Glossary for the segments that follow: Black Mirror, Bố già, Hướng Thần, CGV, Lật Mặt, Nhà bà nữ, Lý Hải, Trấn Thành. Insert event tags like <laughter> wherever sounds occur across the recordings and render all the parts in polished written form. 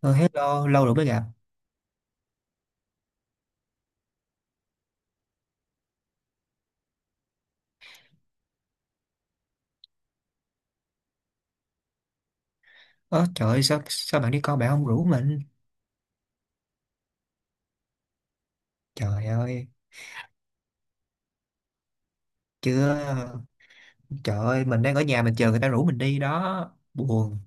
Ờ, hello, lâu rồi mới gặp. Ơ trời ơi, sao bạn đi coi bạn không rủ mình? Trời ơi, chưa. Trời ơi, mình đang ở nhà mình chờ người ta rủ mình đi đó. Buồn.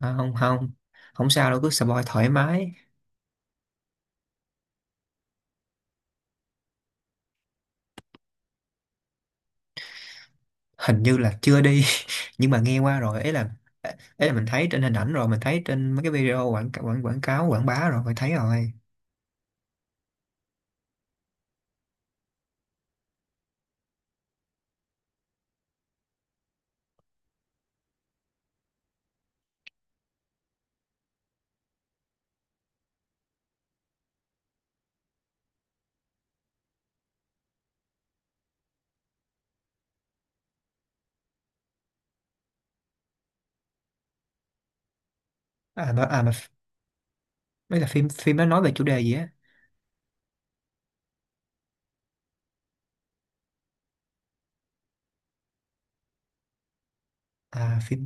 À, không, không. Không sao đâu, cứ spoil thoải mái. Hình như là chưa đi. <laughs> Nhưng mà nghe qua rồi, ấy là mình thấy trên hình ảnh rồi, mình thấy trên mấy cái video quảng quảng quảng cáo, quảng bá rồi, mình thấy rồi. À mà, mấy là phim phim nó nói về chủ đề gì á? À phim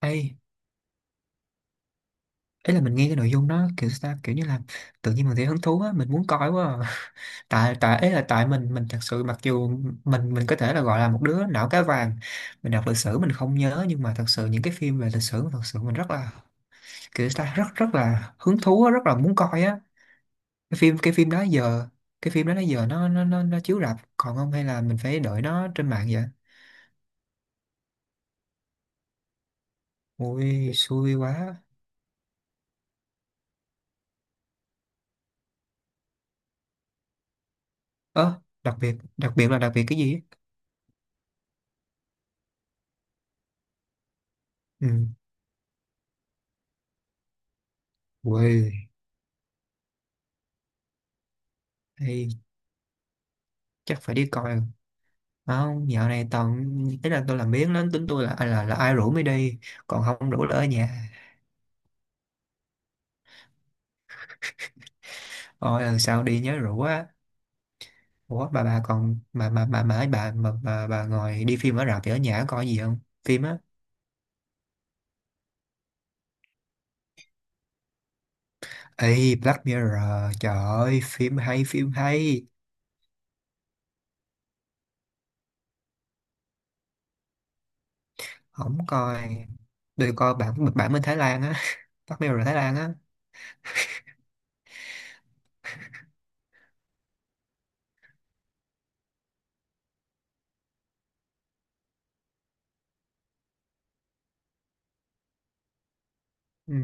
ấy. Ý là mình nghe cái nội dung đó kiểu sao ta, kiểu như là tự nhiên mình thấy hứng thú á, mình muốn coi quá à. <laughs> tại tại ấy là tại mình thật sự, mặc dù mình có thể là gọi là một đứa não cá vàng, mình đọc lịch sử mình không nhớ, nhưng mà thật sự những cái phim về lịch sử thật sự mình rất là kiểu sao ta, rất rất là hứng thú á, rất là muốn coi á. Cái phim đó giờ, cái phim đó đó giờ nó chiếu rạp còn không, hay là mình phải đợi nó trên mạng vậy? Ui xui quá. Ơ đặc biệt là đặc biệt cái gì? Ừ. Ui. Hay. Chắc phải đi coi. Không, dạo này toàn, ý là tôi làm biếng lắm, tính tôi là à, là là ai rủ mới đi, còn không rủ là ở nhà. Rồi lần sau đi nhớ rủ á. Ủa bà còn mà ấy bà mà bà ngồi đi phim ở rạp thì ở nhà có coi gì không? Phim á? Ê Black Mirror, trời ơi phim hay phim hay. Không coi. Tôi coi bản bản bên Thái Lan á. <laughs> Black Mirror Thái Lan á. Ừ.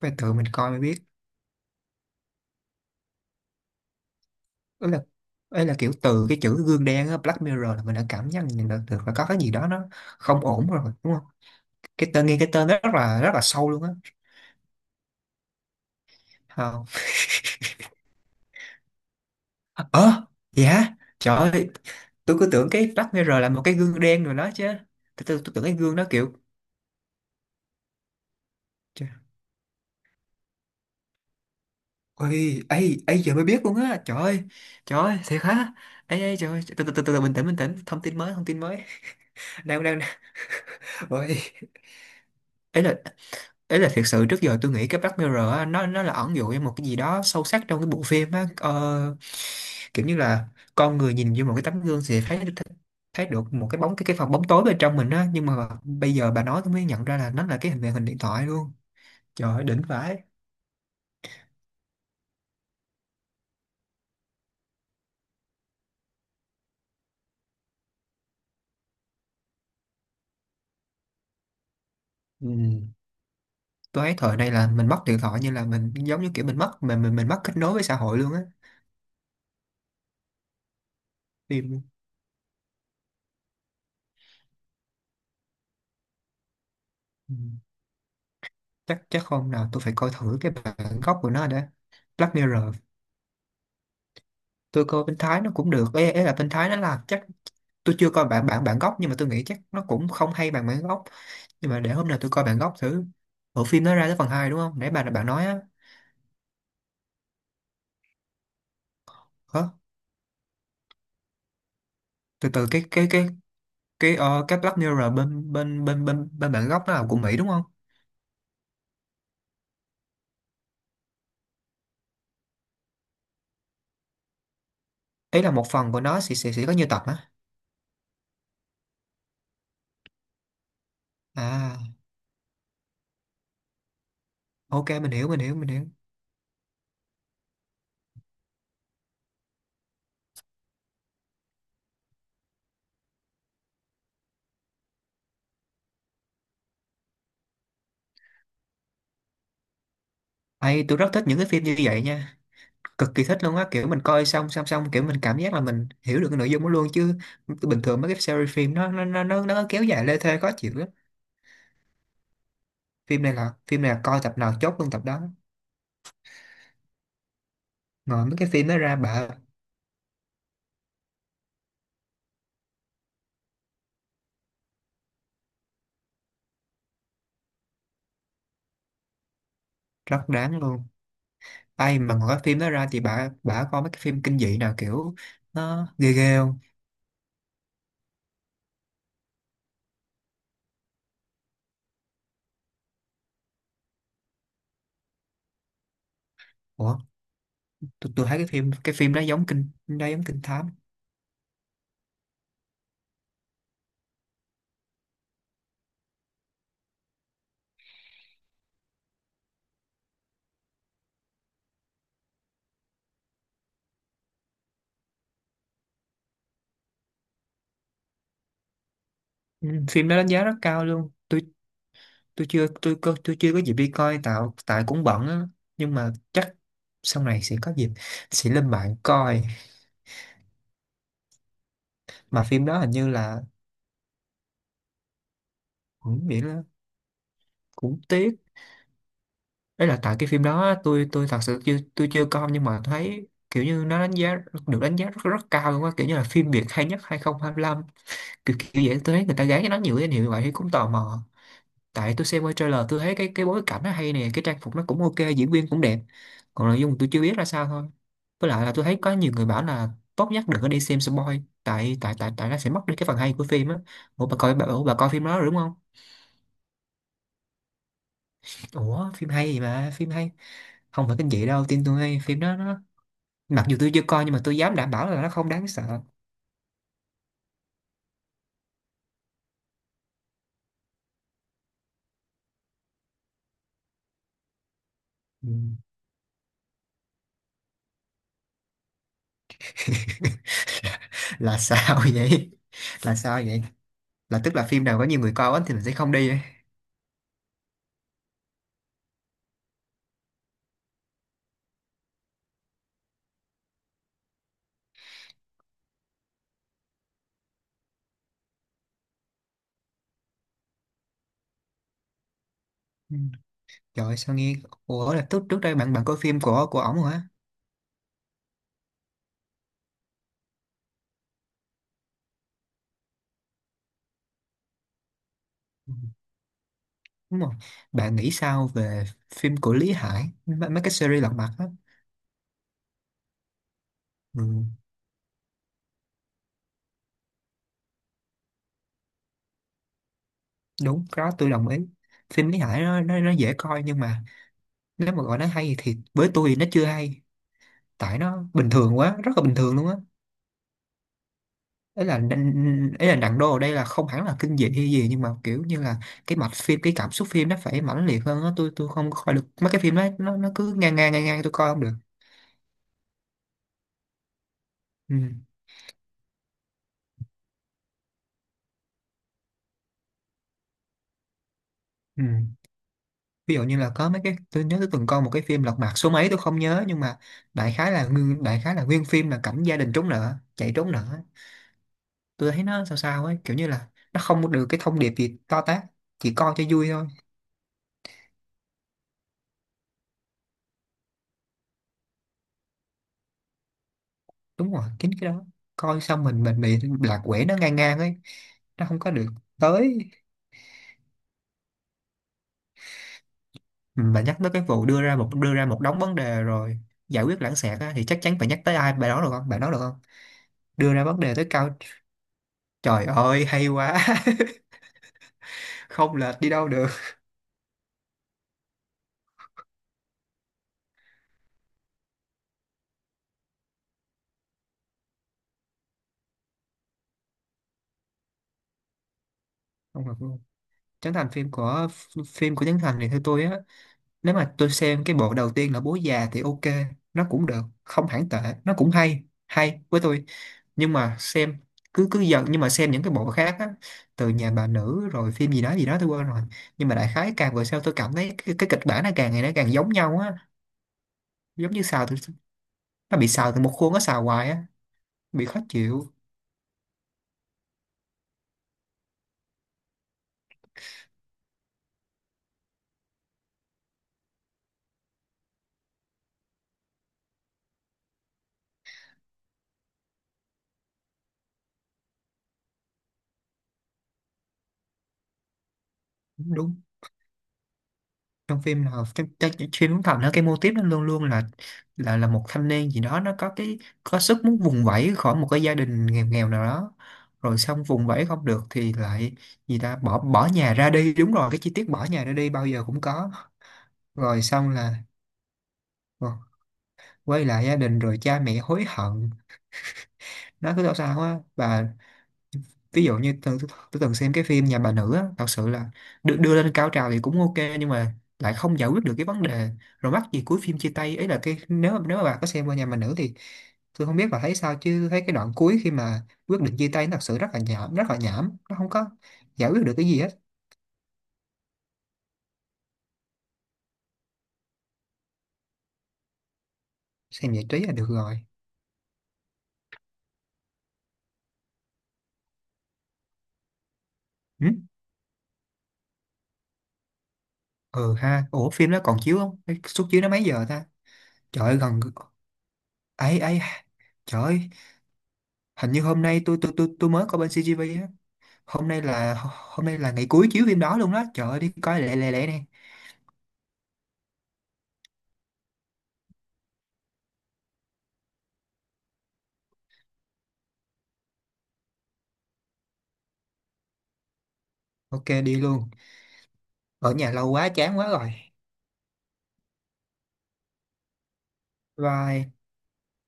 Phải tự mình coi mới biết. Ấy là ấy là kiểu từ cái chữ gương đen á, Black Mirror là mình đã cảm nhận được được là có cái gì đó nó không ổn rồi đúng không? Cái tên nghe, cái tên rất là sâu luôn á. Ờ. Ờ. Dạ. Trời ơi, tôi cứ tưởng cái Black Mirror là một cái gương đen rồi đó chứ. Tôi tưởng cái gương đó kiểu. Trời, ôi ấy ấy giờ mới biết luôn á, trời ơi. Trời ơi thiệt hả. Ấy ấy trời ơi, từ từ, bình tĩnh bình tĩnh, thông tin mới thông tin mới. <laughs> đang đang đang. <laughs> Ôi, ấy là, đấy là thiệt sự trước giờ tôi nghĩ cái Black Mirror á, nó là ẩn dụ em một cái gì đó sâu sắc trong cái bộ phim á, kiểu như là con người nhìn vô một cái tấm gương thì thấy, thấy được một cái bóng, cái phần bóng tối bên trong mình á, nhưng mà bây giờ bà nói tôi mới nhận ra là nó là cái hình màn hình điện thoại luôn. Trời ơi, đỉnh vãi. Ừ. Tôi thấy thời này là mình mất điện thoại như là mình, giống như kiểu mình mất, mình mất kết nối với xã hội luôn á. Phim. Ừ. chắc chắc hôm nào tôi phải coi thử cái bản gốc của nó đã. Black Mirror. Tôi coi bên Thái nó cũng được, ấy là bên Thái nó là chắc, tôi chưa coi bản bản bản gốc, nhưng mà tôi nghĩ chắc nó cũng không hay bằng bản gốc, nhưng mà để hôm nào tôi coi bản gốc thử. Bộ phim nó ra tới phần 2 đúng không nãy bạn bạn nói á? Hả? Từ từ cái cái Black Mirror bên bên bên bên bên bản gốc nó là của Mỹ đúng không? Ý là một phần của nó sẽ có nhiều tập á. À ok, mình hiểu mình hiểu mình hiểu. Ây, tôi rất thích những cái phim như vậy nha, cực kỳ thích luôn á, kiểu mình coi xong xong xong, kiểu mình cảm giác là mình hiểu được cái nội dung đó luôn, chứ bình thường mấy cái series phim nó kéo dài lê thê khó chịu lắm. Phim này là coi tập nào chốt luôn tập đó. Ngồi mấy cái phim đó ra bà. Rất đáng luôn. Ai mà ngồi cái phim đó ra thì bà coi mấy cái phim kinh dị nào kiểu nó ghê ghê không? Ủa, tôi thấy cái phim đó giống kinh thám. Ừ, phim đó đánh giá rất cao luôn. Tôi chưa có dịp đi coi tại cũng bận á, nhưng mà chắc sau này sẽ có dịp, sẽ lên mạng coi. Mà phim đó hình như là cũng miễn là cũng tiếc, đấy là tại cái phim đó á, tôi thật sự chưa coi, nhưng mà thấy kiểu như nó đánh giá, được đánh giá rất rất cao luôn á, kiểu như là phim Việt hay nhất 2025, kiểu kiểu vậy. Tôi thấy người ta gán cho nó nhiều danh hiệu như vậy thì cũng tò mò, tại tôi xem qua trailer tôi thấy cái bối cảnh nó hay nè, cái trang phục nó cũng ok, diễn viên cũng đẹp, còn nội dung tôi chưa biết ra sao thôi. Với lại là tôi thấy có nhiều người bảo là tốt nhất đừng có đi xem spoil, tại tại tại tại nó sẽ mất đi cái phần hay của phim á. Ủa bà coi phim đó rồi đúng không? Ủa phim hay gì mà phim hay, không phải kinh dị đâu tin tôi, hay phim đó nó, mặc dù tôi chưa coi nhưng mà tôi dám đảm bảo là nó không đáng sợ. Ừ. <laughs> Là sao vậy? Là sao vậy? Là tức là phim nào có nhiều người coi quá thì mình sẽ không đi ấy. Trời sao nghe. Ủa là trước trước đây bạn bạn coi phim của ổng rồi hả? Ừ. Đúng rồi. Bạn nghĩ sao về phim của Lý Hải mấy, cái series lật mặt á? Ừ, đúng, cái đó tôi đồng ý. Phim Lý Hải nó dễ coi nhưng mà, nếu mà gọi nó hay thì với tôi thì nó chưa hay. Tại nó bình thường quá, rất là bình thường luôn á. Ấy là ấy là nặng đô ở đây là không hẳn là kinh dị hay gì, nhưng mà kiểu như là cái mạch phim, cái cảm xúc phim nó phải mãnh liệt hơn á. Tôi không coi được mấy cái phim đó, nó cứ ngang ngang ngang ngang, tôi coi không được. Ừ. Ừ. Ví dụ như là có mấy cái tôi nhớ tôi từng coi một cái phim Lật Mặt số mấy tôi không nhớ, nhưng mà đại khái là nguyên phim là cảnh gia đình trốn nợ chạy trốn nợ. Tôi thấy nó sao sao ấy, kiểu như là nó không được cái thông điệp gì to tát, chỉ coi cho vui thôi. Đúng rồi chính cái đó. Coi xong mình bị lạc quẻ, nó ngang ngang ấy, nó không có được tới. Mà nhắc tới cái vụ đưa ra một đống vấn đề rồi giải quyết lãng xẹt á, thì chắc chắn phải nhắc tới ai, bạn nói được không bạn nói được không? Đưa ra vấn đề tới cao, trời ơi hay quá. <laughs> Không lệch đi đâu được. Không hợp. Trấn Thành, phim của, phim của Trấn Thành thì theo tôi á, nếu mà tôi xem cái bộ đầu tiên là Bố Già thì ok, nó cũng được không hẳn tệ, nó cũng hay hay với tôi. Nhưng mà xem, cứ cứ dần, nhưng mà xem những cái bộ khác á, từ Nhà Bà Nữ rồi phim gì đó tôi quên rồi, nhưng mà đại khái càng về sau tôi cảm thấy cái kịch bản nó càng ngày nó càng giống nhau á. Giống như xào từ, nó bị xào từ một khuôn, nó xào hoài á, bị khó chịu. Đúng. Trong phim là trong, trong, trong phim Hướng Thần nó, cái mô típ nó luôn luôn là là một thanh niên gì đó, nó có cái có sức muốn vùng vẫy khỏi một cái gia đình nghèo nghèo nào đó, rồi xong vùng vẫy không được thì lại gì ta, bỏ bỏ nhà ra đi. Đúng rồi, cái chi tiết bỏ nhà ra đi bao giờ cũng có, rồi xong là, ờ, quay lại gia đình, rồi cha mẹ hối hận, nó cứ sao sao á. Và ví dụ như tôi từng xem cái phim Nhà Bà Nữ á, thật sự là được đưa lên cao trào thì cũng ok, nhưng mà lại không giải quyết được cái vấn đề, rồi mắc gì cuối phim chia tay. Ấy là cái, nếu nếu mà bà có xem qua Nhà Bà Nữ thì tôi không biết bà thấy sao, chứ thấy cái đoạn cuối khi mà quyết định chia tay nó thật sự rất là nhảm rất là nhảm, nó không có giải quyết được cái gì hết. Xem giải trí là được rồi. Ừ. Ừ ha, ủa phim nó còn chiếu không? Cái suất chiếu nó mấy giờ ta? Trời ơi gần, ấy ấy trời ơi. Hình như hôm nay tôi mới có bên CGV á. Hôm nay là ngày cuối chiếu phim đó luôn đó, trời ơi đi coi lẹ lẹ lẹ nè. Ok đi luôn. Ở nhà lâu quá chán quá rồi. Bye.